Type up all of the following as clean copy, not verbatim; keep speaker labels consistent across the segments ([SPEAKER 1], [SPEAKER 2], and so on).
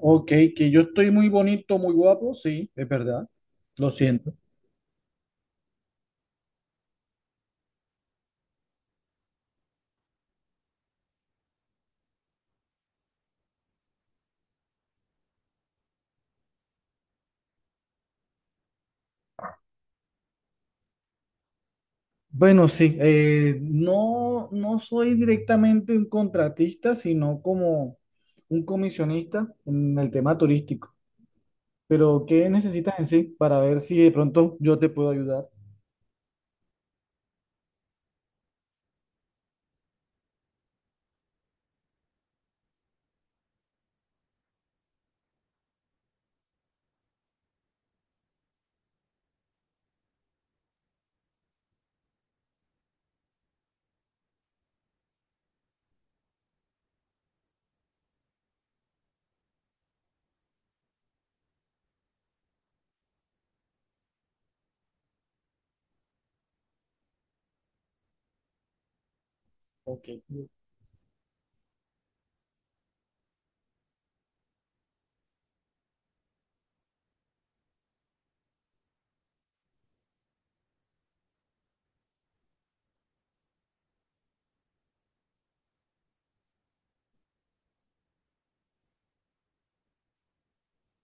[SPEAKER 1] Ok, que yo estoy muy bonito, muy guapo, sí, es verdad, lo siento. Bueno, sí, no, no soy directamente un contratista, sino como un comisionista en el tema turístico. Pero, ¿qué necesitas en sí para ver si de pronto yo te puedo ayudar? Ok.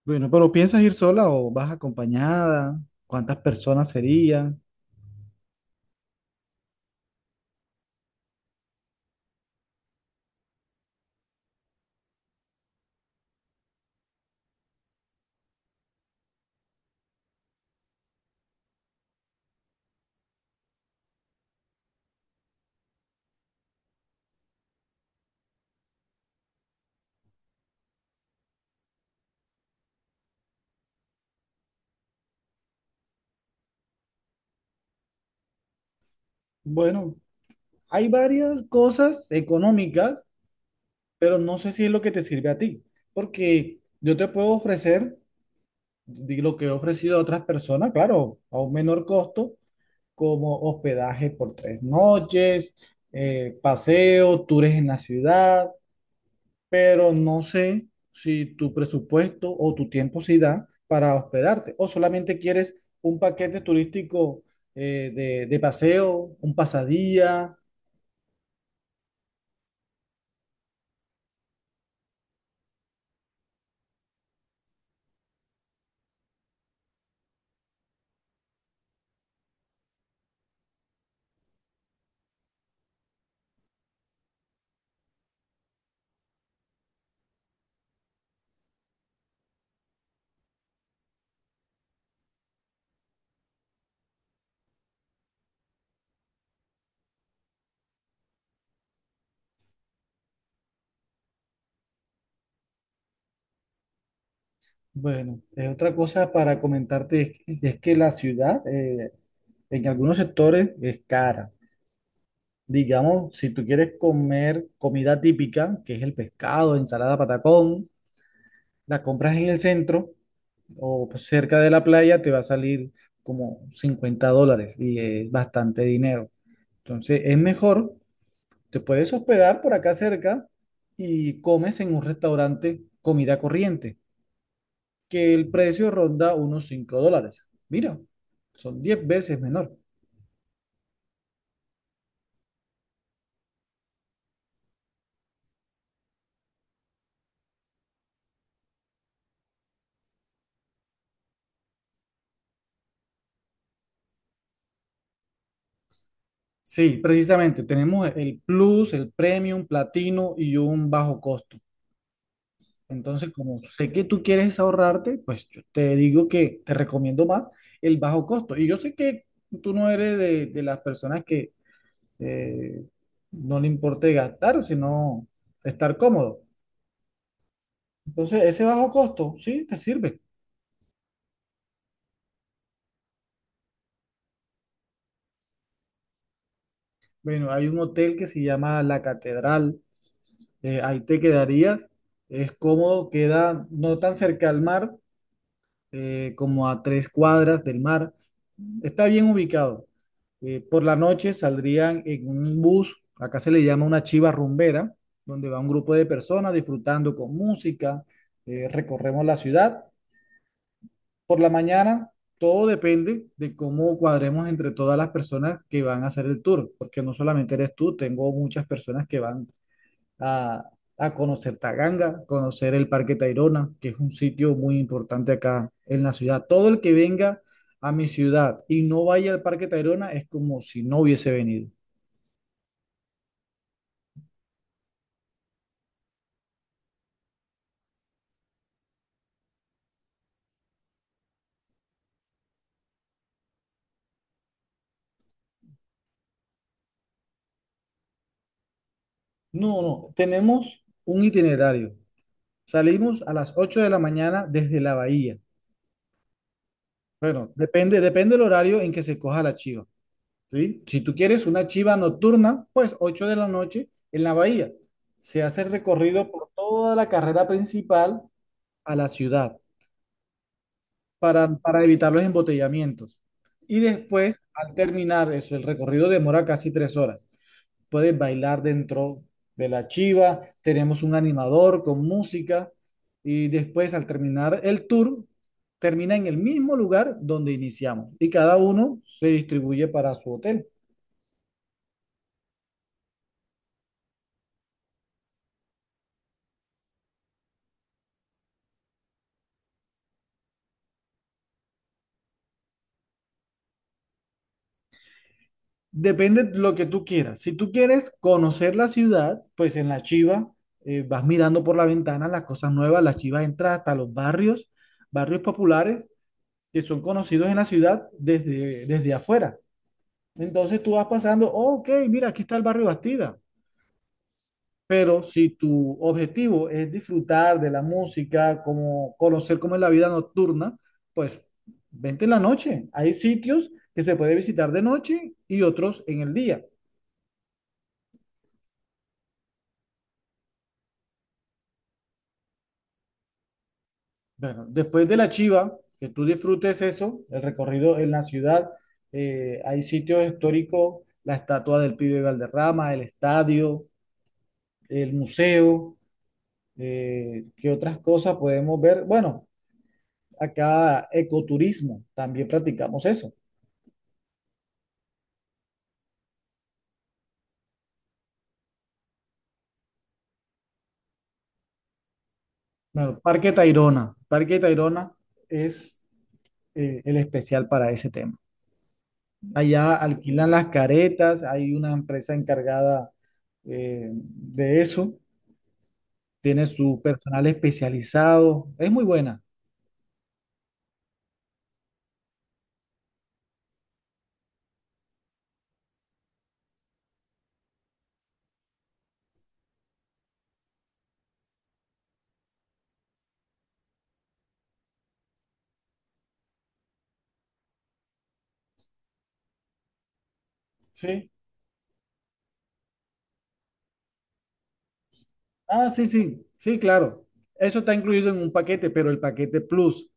[SPEAKER 1] Bueno, pero ¿piensas ir sola o vas acompañada? ¿Cuántas personas serían? Bueno, hay varias cosas económicas pero no sé si es lo que te sirve a ti, porque yo te puedo ofrecer lo que he ofrecido a otras personas, claro, a un menor costo, como hospedaje por 3 noches, paseo, tours en la ciudad, pero no sé si tu presupuesto o tu tiempo sí da para hospedarte, o solamente quieres un paquete turístico de paseo, un pasadía. Bueno, es otra cosa para comentarte es que la ciudad, en algunos sectores es cara. Digamos, si tú quieres comer comida típica, que es el pescado, ensalada patacón, la compras en el centro o pues, cerca de la playa, te va a salir como $50 y es bastante dinero. Entonces, es mejor, te puedes hospedar por acá cerca y comes en un restaurante comida corriente, que el precio ronda unos $5. Mira, son 10 veces menor. Sí, precisamente, tenemos el Plus, el Premium, Platino y un bajo costo. Entonces, como sé que tú quieres ahorrarte, pues yo te digo que te recomiendo más el bajo costo. Y yo sé que tú no eres de las personas que eh, no le importe gastar, sino estar cómodo. Entonces, ese bajo costo, sí, te sirve. Bueno, hay un hotel que se llama La Catedral, ahí te quedarías, es cómodo, queda no tan cerca al mar como a 3 cuadras del mar. Está bien ubicado. Por la noche saldrían en un bus, acá se le llama una chiva rumbera, donde va un grupo de personas disfrutando con música, recorremos la ciudad. Por la mañana, todo depende de cómo cuadremos entre todas las personas que van a hacer el tour, porque no solamente eres tú, tengo muchas personas que van a, a conocer Taganga, conocer el Parque Tayrona, que es un sitio muy importante acá en la ciudad. Todo el que venga a mi ciudad y no vaya al Parque Tayrona es como si no hubiese venido. No, no, tenemos un itinerario. Salimos a las 8 de la mañana desde la bahía. Bueno, depende del horario en que se coja la chiva, ¿sí? Si tú quieres una chiva nocturna, pues 8 de la noche en la bahía. Se hace el recorrido por toda la carrera principal a la ciudad, para evitar los embotellamientos. Y después, al terminar eso, el recorrido demora casi 3 horas. Puedes bailar dentro de la chiva, tenemos un animador con música y después al terminar el tour, termina en el mismo lugar donde iniciamos y cada uno se distribuye para su hotel. Depende de lo que tú quieras. Si tú quieres conocer la ciudad, pues en la chiva vas mirando por la ventana las cosas nuevas, la chiva entra hasta los barrios, barrios populares que son conocidos en la ciudad desde afuera. Entonces tú vas pasando: "Oh, ok, mira, aquí está el barrio Bastida". Pero si tu objetivo es disfrutar de la música, como conocer cómo es la vida nocturna, pues vente en la noche. Hay sitios que se puede visitar de noche y otros en el día. Bueno, después de la Chiva, que tú disfrutes eso, el recorrido en la ciudad, hay sitios históricos, la estatua del pibe Valderrama, el estadio, el museo. ¿Qué otras cosas podemos ver? Bueno, acá ecoturismo, también practicamos eso. Bueno, Parque Tayrona. Parque Tayrona es el especial para ese tema. Allá alquilan las caretas, hay una empresa encargada de eso, tiene su personal especializado, es muy buena. Sí. Ah, sí, sí, sí, claro. Eso está incluido en un paquete, pero el paquete Plus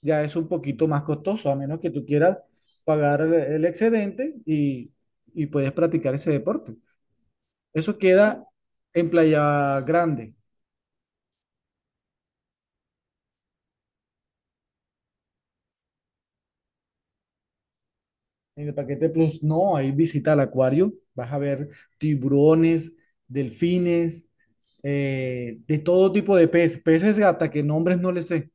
[SPEAKER 1] ya es un poquito más costoso, a menos que tú quieras pagar el excedente y puedes practicar ese deporte. Eso queda en Playa Grande. En el paquete Plus no, hay visita al acuario, vas a ver tiburones, delfines, de todo tipo de peces, peces gata, que nombres no les sé.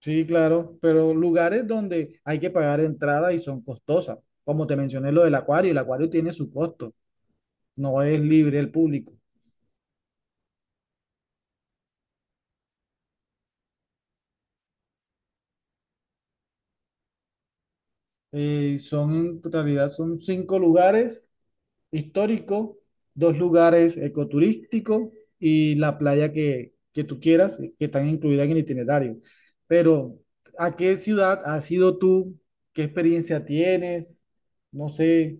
[SPEAKER 1] Sí, claro, pero lugares donde hay que pagar entrada y son costosas. Como te mencioné lo del acuario, el acuario tiene su costo, no es libre el público. Son, en realidad son cinco lugares históricos, dos lugares ecoturísticos y la playa que tú quieras, que están incluidas en el itinerario. Pero, ¿a qué ciudad has ido tú? ¿Qué experiencia tienes? No sé,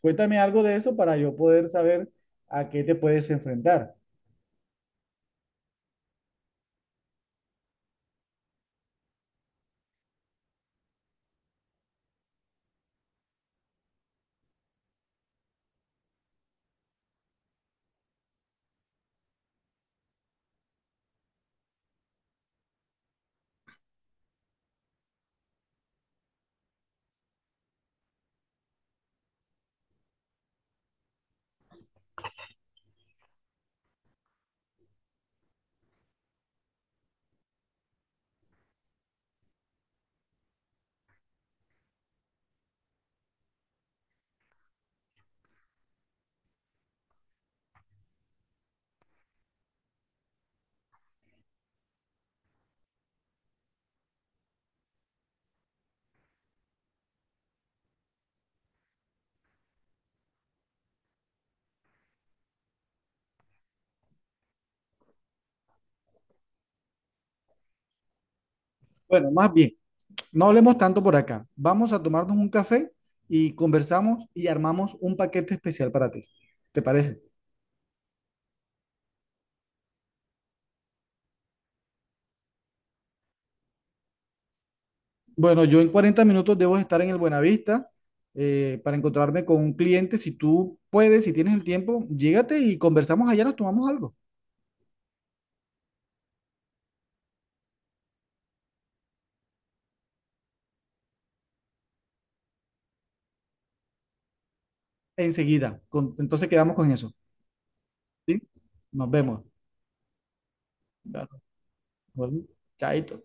[SPEAKER 1] cuéntame algo de eso para yo poder saber a qué te puedes enfrentar. Bueno, más bien, no hablemos tanto por acá. Vamos a tomarnos un café y conversamos y armamos un paquete especial para ti. ¿Te parece? Bueno, yo en 40 minutos debo estar en el Buenavista para encontrarme con un cliente. Si tú puedes, si tienes el tiempo, llégate y conversamos allá, nos tomamos algo enseguida. Entonces quedamos con eso, ¿sí? Nos vemos. Claro. Bueno, chaito.